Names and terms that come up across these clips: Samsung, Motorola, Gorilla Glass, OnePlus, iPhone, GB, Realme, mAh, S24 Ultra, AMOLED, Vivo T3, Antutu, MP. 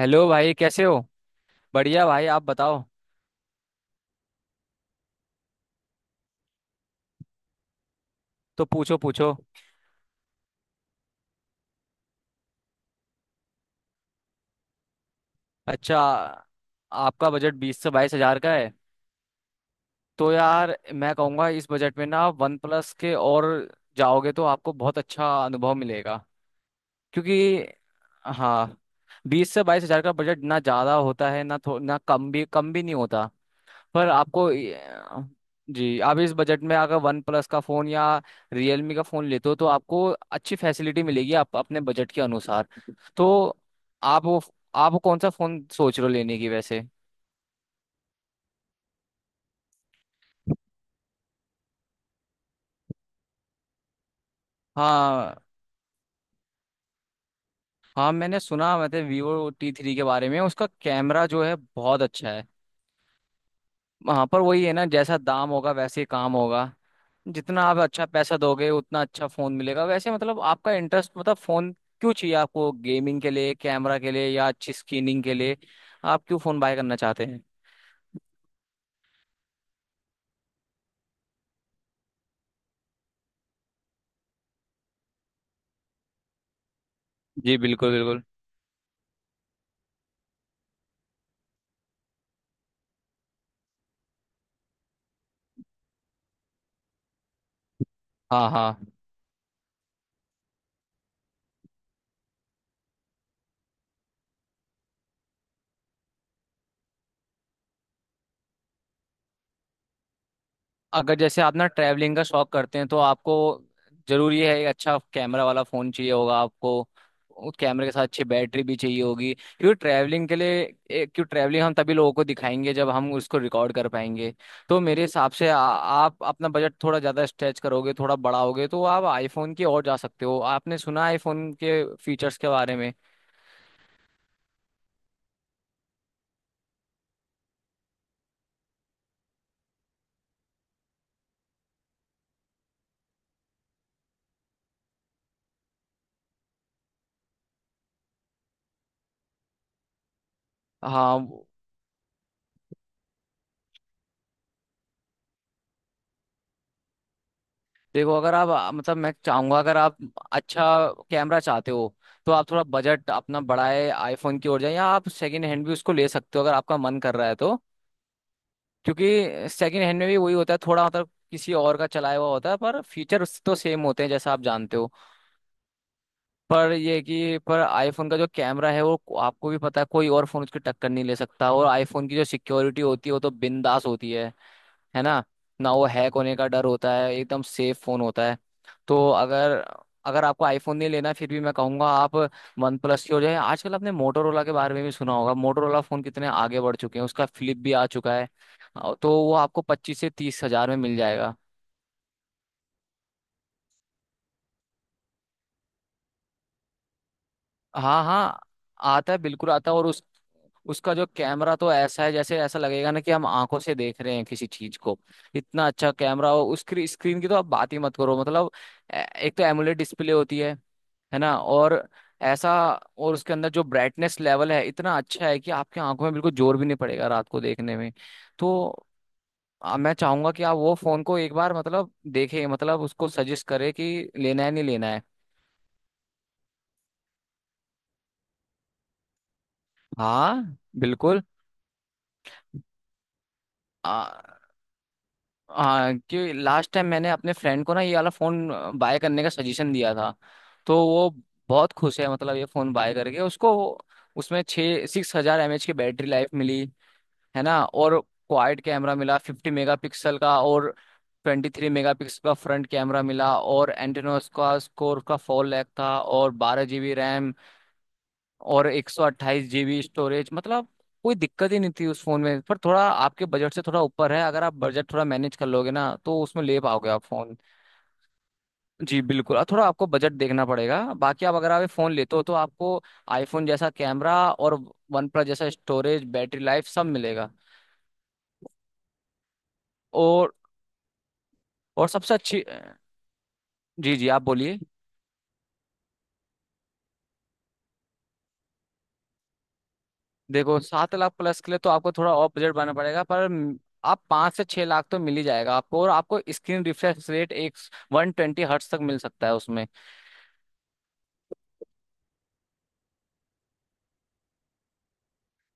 Hello भाई, कैसे हो। बढ़िया भाई, आप बताओ। तो पूछो पूछो। अच्छा, आपका बजट 20 से 22 हजार का है। तो यार, मैं कहूँगा इस बजट में ना आप वन प्लस के और जाओगे तो आपको बहुत अच्छा अनुभव मिलेगा, क्योंकि हाँ, 20 से 22 हजार का बजट ना ज़्यादा होता है ना थो ना कम भी नहीं होता। पर आपको जी, आप इस बजट में अगर वन प्लस का फ़ोन या रियलमी का फ़ोन लेते हो तो आपको अच्छी फैसिलिटी मिलेगी आप अपने बजट के अनुसार। तो आप वो आप कौन सा फ़ोन सोच रहे हो लेने की वैसे। हाँ हाँ, मैंने सुना मतलब वीवो टी थ्री के बारे में उसका कैमरा जो है बहुत अच्छा है। हाँ, पर वही है ना, जैसा दाम होगा वैसे ही काम होगा। जितना आप अच्छा पैसा दोगे उतना अच्छा फोन मिलेगा, वैसे मतलब आपका इंटरेस्ट मतलब फोन क्यों चाहिए आपको, गेमिंग के लिए कैमरा के लिए या अच्छी स्क्रीनिंग के लिए, आप क्यों फोन बाय करना चाहते हैं। जी बिल्कुल बिल्कुल। हाँ हाँ। अगर जैसे आप ना ट्रैवलिंग का शौक करते हैं तो आपको जरूरी है एक अच्छा कैमरा वाला फोन चाहिए होगा आपको, उस कैमरे के साथ अच्छी बैटरी भी चाहिए होगी क्योंकि ट्रैवलिंग के लिए क्यों ट्रैवलिंग हम तभी लोगों को दिखाएंगे जब हम उसको रिकॉर्ड कर पाएंगे। तो मेरे हिसाब से आप अपना बजट थोड़ा ज़्यादा स्ट्रेच करोगे थोड़ा बढ़ाओगे तो आप आईफोन की ओर जा सकते हो, आपने सुना आईफोन के फीचर्स के बारे में। हाँ देखो, अगर आप मतलब मैं चाहूंगा अगर आप अच्छा कैमरा चाहते हो तो आप थोड़ा बजट अपना बढ़ाए आईफोन की ओर जाए, या आप सेकंड हैंड भी उसको ले सकते हो अगर आपका मन कर रहा है तो। क्योंकि सेकंड हैंड में भी वही होता है, थोड़ा मतलब किसी और का चलाया हुआ होता है पर फीचर उससे तो सेम होते हैं जैसा आप जानते हो। पर ये है कि पर आईफोन का जो कैमरा है वो आपको भी पता है कोई और फोन उसकी टक्कर नहीं ले सकता, और आईफोन की जो सिक्योरिटी होती है वो तो बिंदास होती है ना। ना वो हैक होने का डर होता है, एकदम सेफ फोन होता है। तो अगर अगर आपको आईफोन नहीं लेना है, फिर भी मैं कहूंगा आप वन प्लस की हो जाए। आजकल आपने मोटोरोला के बारे में भी सुना होगा, मोटोरोला फोन कितने आगे बढ़ चुके हैं, उसका फ्लिप भी आ चुका है। तो वो आपको 25 से 30 हजार में मिल जाएगा। हाँ हाँ। आता है बिल्कुल आता है, और उस उसका जो कैमरा तो ऐसा है जैसे ऐसा लगेगा ना कि हम आंखों से देख रहे हैं किसी चीज को, इतना अच्छा कैमरा हो। उसकी स्क्रीन की तो आप बात ही मत करो, मतलब एक तो एमुलेट डिस्प्ले होती है ना। और ऐसा, और उसके अंदर जो ब्राइटनेस लेवल है इतना अच्छा है कि आपकी आंखों में बिल्कुल जोर भी नहीं पड़ेगा रात को देखने में। तो मैं चाहूंगा कि आप वो फोन को एक बार मतलब देखें, मतलब उसको सजेस्ट करें कि लेना है नहीं लेना है। हाँ बिल्कुल। हाँ क्योंकि लास्ट टाइम मैंने अपने फ्रेंड को ना ये वाला फोन बाय करने का सजेशन दिया था, तो वो बहुत खुश है, मतलब ये फोन बाय करके उसको। उसमें छः सिक्स हजार एम एच की बैटरी लाइफ मिली, है ना। और क्वाड कैमरा मिला 50 मेगापिक्सल का, और 23 मेगापिक्सल का फ्रंट कैमरा मिला, और एंटेनोस का स्कोर का 4 लैख था, और 12 जीबी रैम और 128 जीबी स्टोरेज, मतलब कोई दिक्कत ही नहीं थी उस फोन में, पर थोड़ा आपके बजट से थोड़ा ऊपर है। अगर आप बजट थोड़ा मैनेज कर लोगे ना तो उसमें ले पाओगे आप फोन। जी बिल्कुल, और थोड़ा आपको बजट देखना पड़ेगा बाकी आप अगर आप ये फोन लेते हो तो आपको आईफोन जैसा कैमरा और वन प्लस जैसा स्टोरेज बैटरी लाइफ सब मिलेगा। और और सबसे अच्छी। जी जी, आप बोलिए। देखो, 7 लाख प्लस के लिए तो आपको थोड़ा और बजट बनाना पड़ेगा, आप 5 से 6 लाख तो मिल ही जाएगा आपको, और आपको स्क्रीन रिफ्रेश रेट एक 120 हर्ट्स तक मिल सकता है उसमें।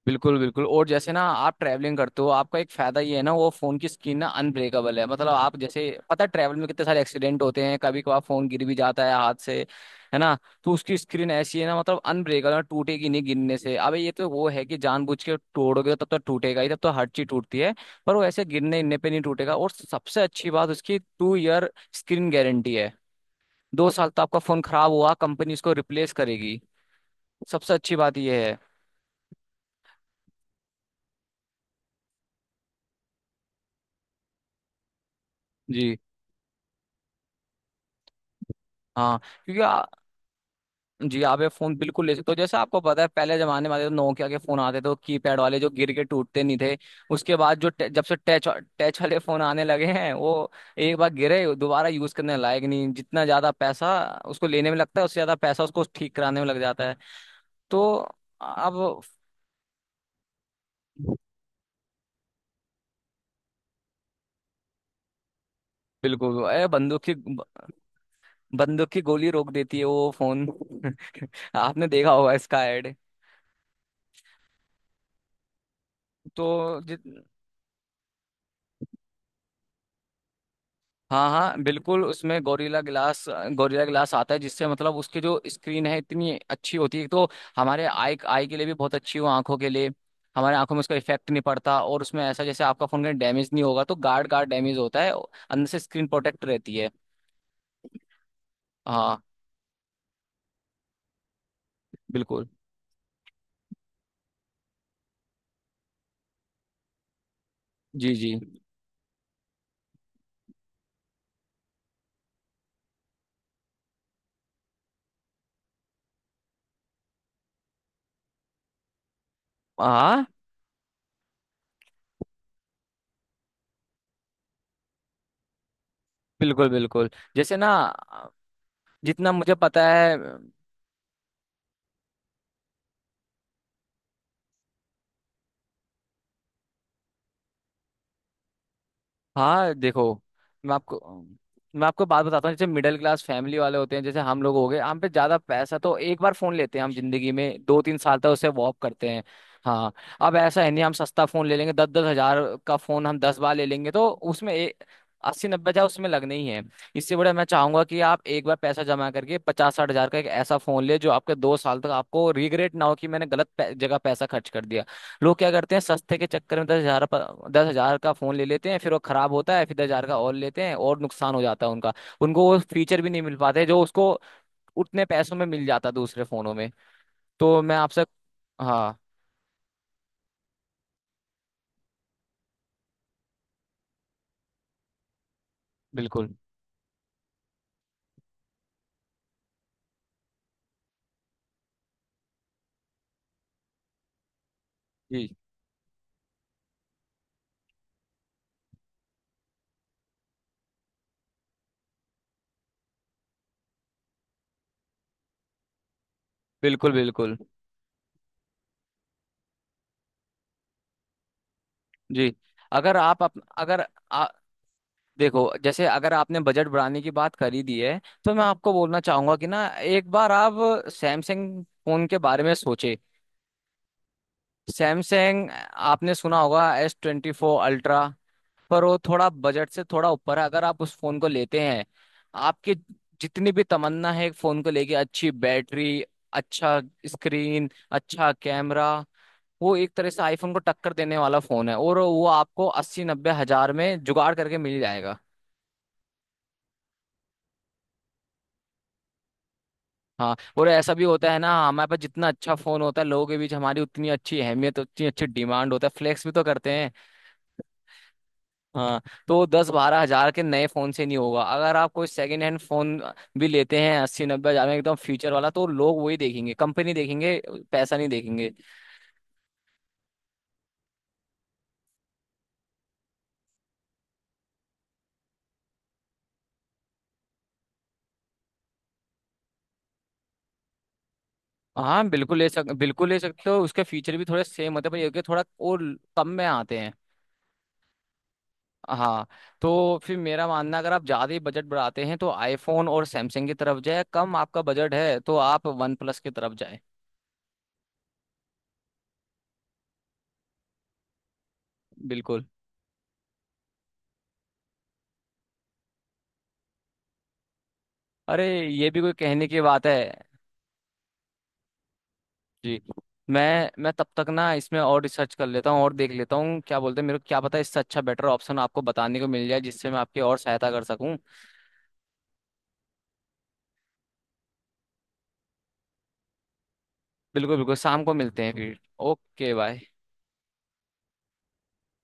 बिल्कुल बिल्कुल। और जैसे ना आप ट्रैवलिंग करते हो आपका एक फायदा ये है ना वो फोन की स्क्रीन ना अनब्रेकेबल है, मतलब आप जैसे पता है ट्रैवल में कितने सारे एक्सीडेंट होते हैं, कभी कभार फोन गिर भी जाता है हाथ से, है ना। तो उसकी स्क्रीन ऐसी है ना, मतलब अनब्रेकेबल, टूटेगी नहीं गिरने से। अब ये तो वो है कि जानबूझ के तोड़ोगे तब तो टूटेगा ही, तब तो हर चीज टूटती है। पर वो ऐसे गिरने गिरने पे नहीं टूटेगा। और सबसे अच्छी बात, उसकी 2 ईयर स्क्रीन गारंटी है, 2 साल तक आपका फोन खराब हुआ कंपनी उसको रिप्लेस करेगी। सबसे अच्छी बात ये है। जी। हाँ क्योंकि आ- जी, आप ये फोन बिल्कुल ले सकते हो। जैसे आपको पता है पहले जमाने में आते थे नोकिया के फोन आते थे तो कीपैड वाले, जो गिर के टूटते नहीं थे। उसके बाद जब से टच टच वाले फोन आने लगे हैं, वो एक बार गिरे दोबारा यूज करने लायक नहीं। जितना ज्यादा पैसा उसको लेने में लगता है उससे ज्यादा पैसा उसको ठीक कराने में लग जाता है। तो अब बिल्कुल। अरे बंदूक की गोली रोक देती है वो फोन आपने देखा होगा इसका ऐड। तो जित हाँ हाँ बिल्कुल, उसमें गोरिल्ला ग्लास आता है, जिससे मतलब उसकी जो स्क्रीन है इतनी अच्छी होती है तो हमारे आई आई के लिए भी बहुत अच्छी हो आंखों के लिए, हमारे आंखों में उसका इफेक्ट नहीं पड़ता। और उसमें ऐसा जैसे आपका फोन कहीं डैमेज नहीं होगा, तो गार्ड गार्ड डैमेज होता है अंदर से स्क्रीन प्रोटेक्ट रहती है। हाँ बिल्कुल। जी जी। हाँ बिल्कुल बिल्कुल। जैसे ना जितना मुझे पता है। हाँ देखो, मैं आपको मैं आपको बात बताता हूँ, जैसे मिडिल क्लास फैमिली वाले होते हैं जैसे हम लोग हो गए, हम पे ज्यादा पैसा तो एक बार फोन लेते हैं हम जिंदगी में, 2-3 साल तक उसे वॉक करते हैं। हाँ। अब ऐसा है नहीं, हम सस्ता फोन ले लेंगे 10-10 हजार का फोन हम दस बार ले लेंगे तो उसमें एक 80-90 हजार उसमें लगने ही है। इससे बड़ा मैं चाहूंगा कि आप एक बार पैसा जमा करके 50-60 हजार का एक ऐसा फोन ले जो आपके दो साल तक आपको रिग्रेट ना हो कि मैंने जगह पैसा खर्च कर दिया। लोग क्या करते हैं सस्ते के चक्कर में दस हजार का फोन ले लेते हैं फिर वो खराब होता है फिर 10 हजार का और लेते हैं और नुकसान हो जाता है उनका। उनको वो फीचर भी नहीं मिल पाते जो उसको उतने पैसों में मिल जाता दूसरे फोनों में। तो मैं आपसे हाँ बिल्कुल। जी बिल्कुल बिल्कुल। जी अगर अगर आ, देखो, जैसे अगर आपने बजट बढ़ाने की बात करी दी है तो मैं आपको बोलना चाहूंगा कि ना एक बार आप सैमसंग फोन के बारे में सोचे। सैमसंग। आपने सुना होगा S 24 अल्ट्रा, पर वो थोड़ा बजट से थोड़ा ऊपर है। अगर आप उस फोन को लेते हैं आपकी जितनी भी तमन्ना है एक फोन को लेके, अच्छी बैटरी, अच्छा स्क्रीन, अच्छा कैमरा, वो एक तरह से आईफोन को टक्कर देने वाला फोन है, और वो आपको 80-90 हजार में जुगाड़ करके मिल जाएगा। हाँ। और ऐसा भी होता है ना, हमारे पास जितना अच्छा फोन होता है लोगों के बीच हमारी उतनी अच्छी अहमियत, उतनी अच्छी डिमांड होता है, फ्लेक्स भी तो करते हैं। हाँ। तो 10-12 हजार के नए फोन से नहीं होगा, अगर आप कोई सेकंड हैंड फोन भी लेते हैं 80-90 हजार में एकदम फ्यूचर वाला, तो लोग वही देखेंगे, कंपनी देखेंगे, पैसा नहीं देखेंगे। हाँ बिल्कुल ले सकते हो, उसके फीचर भी थोड़े सेम होते हैं, पर ये कि थोड़ा और कम में आते हैं। हाँ। तो फिर मेरा मानना अगर आप ज्यादा ही बजट बढ़ाते हैं तो आईफोन और सैमसंग की तरफ जाए, कम आपका बजट है तो आप वन प्लस की तरफ जाए। बिल्कुल। अरे ये भी कोई कहने की बात है। जी। मैं तब तक ना इसमें और रिसर्च कर लेता हूँ और देख लेता हूँ क्या बोलते हैं मेरे को, क्या पता इससे अच्छा बेटर ऑप्शन आपको बताने को मिल जाए जिससे मैं आपकी और सहायता कर सकूँ। बिल्कुल बिल्कुल, शाम को मिलते हैं फिर। Okay bye.